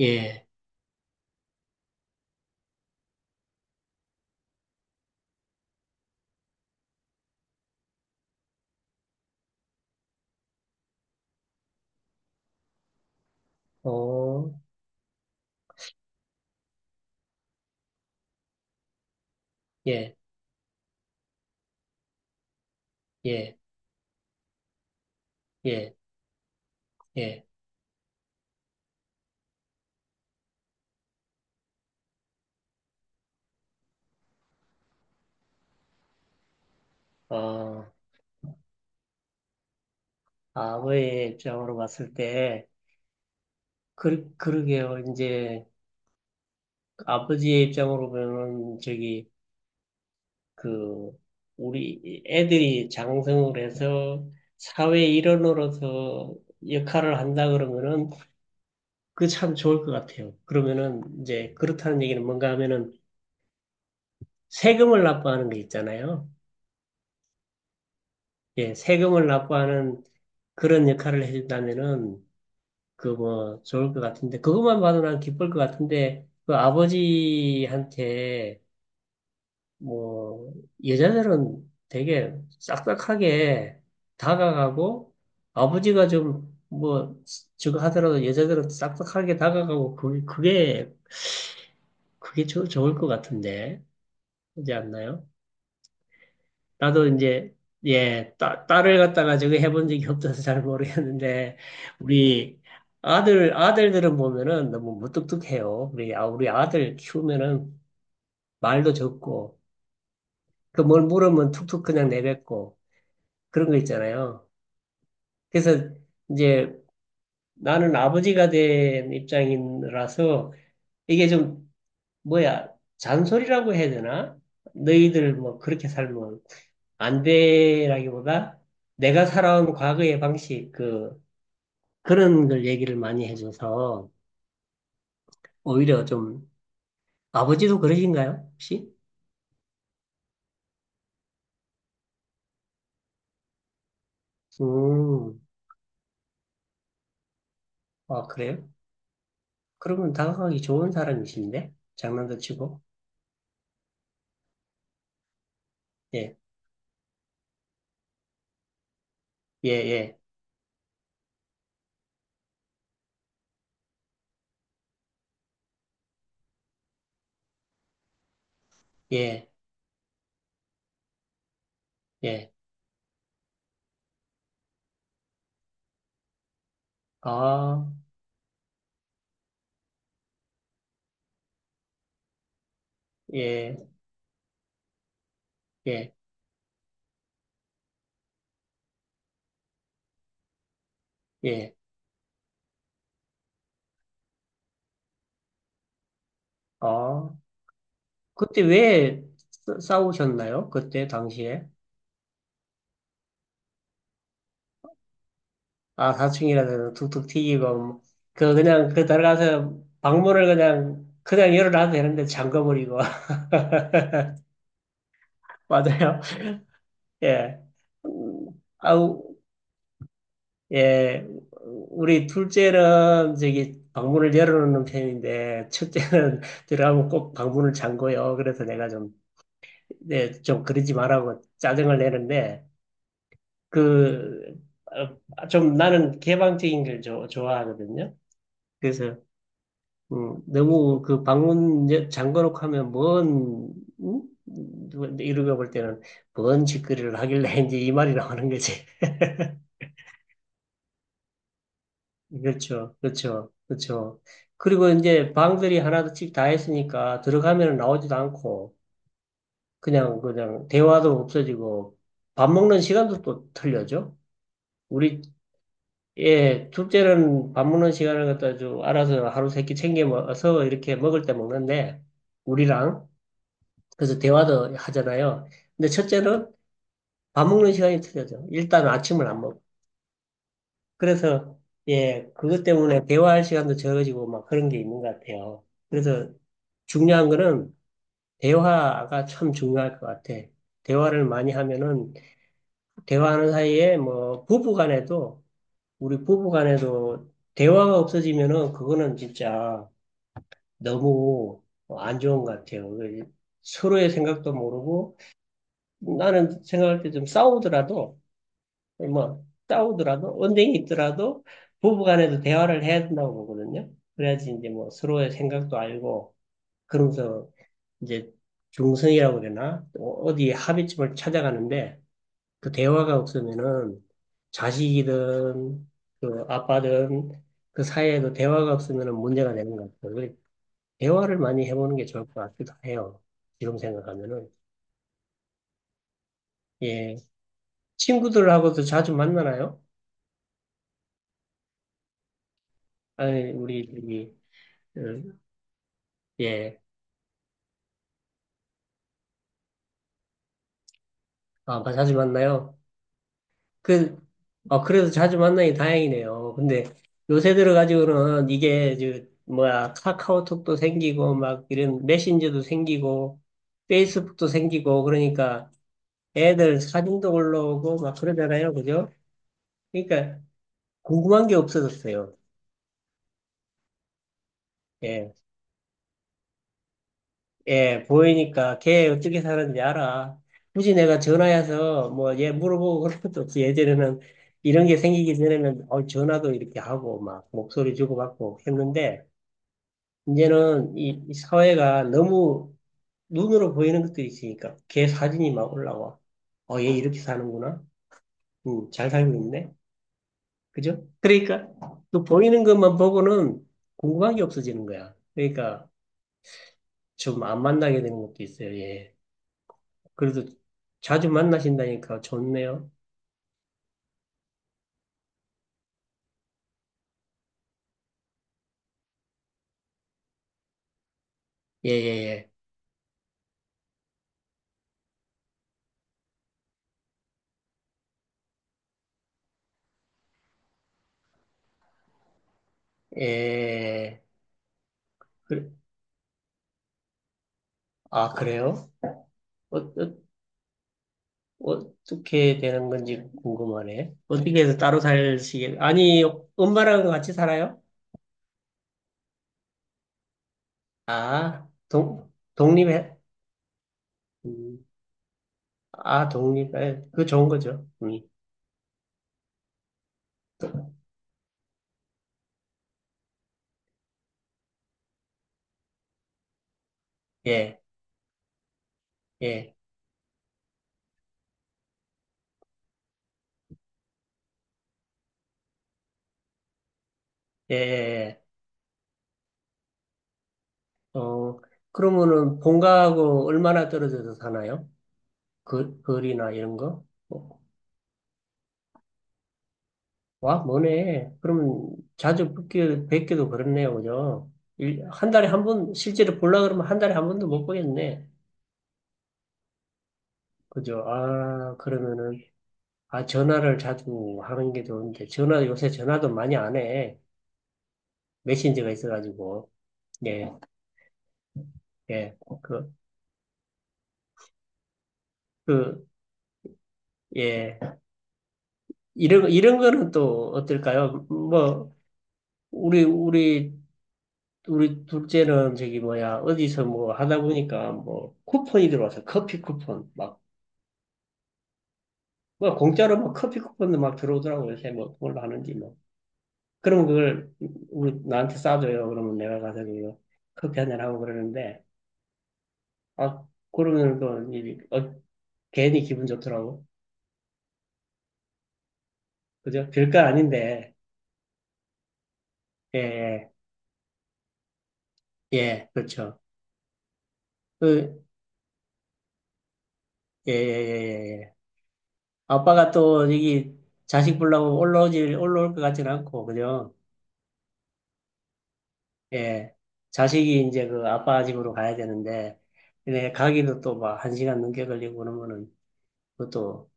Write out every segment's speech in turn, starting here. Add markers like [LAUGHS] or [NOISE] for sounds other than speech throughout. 예, 어, 예, 예, 예, 예, 어, 아버의 입장으로 봤을 때, 그러게요. 이제, 아버지의 입장으로 보면, 저기, 그, 우리 애들이 장성을 해서 사회 일원으로서 역할을 한다 그러면은, 그 참 좋을 것 같아요. 그러면은, 이제, 그렇다는 얘기는 뭔가 하면은, 세금을 납부하는 게 있잖아요. 예, 세금을 납부하는 그런 역할을 해준다면은, 그 뭐 좋을 것 같은데 그것만 봐도 난 기쁠 것 같은데 그 아버지한테 뭐 여자들은 되게 싹싹하게 다가가고 아버지가 좀 뭐 저거 하더라도 여자들은 싹싹하게 다가가고 그게 좋을 것 같은데 그지 않나요? 나도 이제 예, 딸을 갖다가 저기 해본 적이 없어서 잘 모르겠는데 우리 아들들은 보면은 너무 무뚝뚝해요. 우리 아들 키우면은 말도 적고 그 뭘 물으면 툭툭 그냥 내뱉고 그런 거 있잖아요. 그래서 이제 나는 아버지가 된 입장이라서 이게 좀 뭐야 잔소리라고 해야 되나? 너희들 뭐 그렇게 살면 안 돼라기보다 내가 살아온 과거의 방식, 그, 그런 걸 얘기를 많이 해줘서 오히려 좀 아버지도 그러신가요? 혹시? 음, 아, 그래요? 그러면 다가가기 좋은 사람이신데? 장난도 치고? 예, 예, 예, 예, 예, 아, 예, 예, 예, 아. 그때 왜 싸우셨나요? 그때 당시에? 아, 사춘기라서 툭툭 튀기고, 뭐. 그냥 들어가서 방문을 그냥 열어놔도 되는데 잠가버리고. [LAUGHS] 맞아요. 예. 음, 아우, 예. 우리 둘째는 저기 방문을 열어놓는 편인데, 첫째는 [LAUGHS] 들어가면 꼭 방문을 잠궈요. 그래서 내가 좀, 네, 좀 그러지 말라고 짜증을 내는데, 그, 어, 좀 나는 개방적인 걸 좋아하거든요. 그래서 너무 그 방문 잠궈놓고 하면 뭔, 음? 누가 이루가 볼 때는 뭔 짓거리를 하길래 [LAUGHS] 이제 이 말이 나오는 거지. [LAUGHS] 그렇죠. 그렇죠. 그렇죠. 그리고 이제 방들이 하나씩 다 했으니까 들어가면 나오지도 않고 그냥 대화도 없어지고 밥 먹는 시간도 또 틀려져. 우리, 예, 둘째는 밥 먹는 시간을 갖다 좀 알아서 하루 세끼 챙겨 먹어서 이렇게 먹을 때 먹는데 우리랑 그래서 대화도 하잖아요. 근데 첫째는 밥 먹는 시간이 틀려져. 일단 아침을 안 먹어. 그래서 예, 그것 때문에 대화할 시간도 적어지고 막 그런 게 있는 것 같아요. 그래서 중요한 거는 대화가 참 중요할 것 같아. 대화를 많이 하면은 대화하는 사이에 뭐 부부 간에도 우리 부부 간에도 대화가 없어지면은 그거는 진짜 너무 안 좋은 것 같아요. 그 서로의 생각도 모르고 나는 생각할 때 좀 싸우더라도 뭐 싸우더라도 언쟁이 있더라도 부부간에도 대화를 해야 된다고 보거든요. 그래야지 이제 뭐 서로의 생각도 알고 그러면서 이제 중성이라고 그러나 어디 합의점을 찾아가는데 그 대화가 없으면은 자식이든 그 아빠든 그 사이에도 대화가 없으면은 문제가 되는 것 같아요. 그래 대화를 많이 해보는 게 좋을 것 같기도 해요. 지금 생각하면은 예 친구들하고도 자주 만나나요? 아니 우리 저기 어, 예. 아, 자주 만나요? 그, 아, 그래도 자주 만나니 다행이네요. 근데 요새 들어가지고는 이게, 저, 뭐야, 카카오톡도 생기고, 막 이런 메신저도 생기고, 페이스북도 생기고, 그러니까 애들 사진도 올라오고, 막 그러잖아요. 그죠? 그러니까 궁금한 게 없어졌어요. 예. 예, 보이니까 걔 어떻게 사는지 알아. 굳이 내가 전화해서 뭐 얘 물어보고 그런 것도 없이 예전에는 이런 게 생기기 전에는 어, 전화도 이렇게 하고 막 목소리 주고받고 했는데 이제는 이 사회가 너무 눈으로 보이는 것들이 있으니까 걔 사진이 막 올라와. 어, 얘 이렇게 사는구나. 잘 살고 있네. 그죠? 그러니까 또 보이는 것만 보고는 궁금한 게 없어지는 거야. 그러니까 좀 안 만나게 되는 것도 있어요. 예. 그래도 자주 만나신다니까 좋네요. 예, 예, 예. 예. 그- 아, 그래요? 어, 어, 어떻게 되는 건지 궁금하네. 어떻게 해서 따로 살시게? 아니, 엄마랑 같이 살아요? 아, 독립해? 음, 아, 독립해. 그거 좋은 거죠. 음. 예, 예, 예, 예. 예. 어, 그러면은 본가하고 얼마나 떨어져서 사나요? 그, 거리나 이런 거? 어, 와, 뭐네. 그러면 자주 뵙기도 그렇네요. 그죠? 일, 한 달에 한 번, 실제로 보려 그러면 한 달에 한 번도 못 보겠네. 그죠? 아, 그러면은, 아, 전화를 자주 하는 게 좋은데, 전화, 요새 전화도 많이 안 해. 메신저가 있어가지고. 예, 예. 그, 그, 예. 이런 거는 또 어떨까요? 뭐, 우리, 우리, 우리 둘째는 저기 뭐야, 어디서 뭐 하다 보니까 뭐, 쿠폰이 들어와서 커피 쿠폰, 막 뭐 공짜로 막 커피 쿠폰도 막 들어오더라고 요새 뭐 그걸로 하는지 뭐그면 그걸 우리 나한테 싸줘요 그러면 내가 가서 그 커피 한잔 하고 그러는데 아 그러면 또 어, 괜히 기분 좋더라고 그죠 별거 아닌데 예예 예, 예, 그렇죠 그예예예예 예, 예. 예, 예. 예. 아빠가 또 여기 자식 보려고 올라오질 올라올 것 같지는 않고 그죠 예 자식이 이제 그 아빠 집으로 가야 되는데 근데 가기도 또 막 한 시간 넘게 걸리고 그러면은 그것도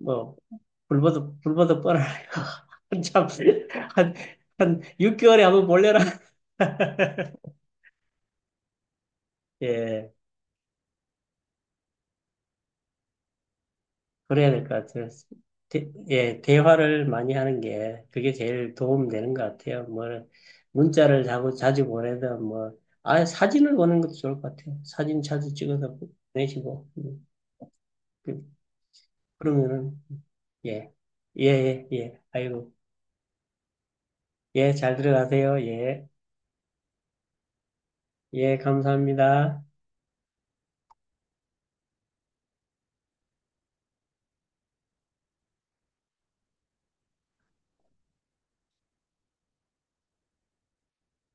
뭐 불보듯 뻔하네요. [LAUGHS] 한참 한한 6개월에 한번 몰려라 [LAUGHS] 예, 그래야 될 것 같아요. 예, 대화를 많이 하는 게 그게 제일 도움 되는 것 같아요. 뭐 문자를 자꾸 자주 보내든 뭐 아 사진을 보는 것도 좋을 것 같아요. 사진 자주 찍어서 보내시고 그, 그러면은 예, 예, 예, 예. 아이고, 예, 잘 들어가세요. 예, 예, 감사합니다.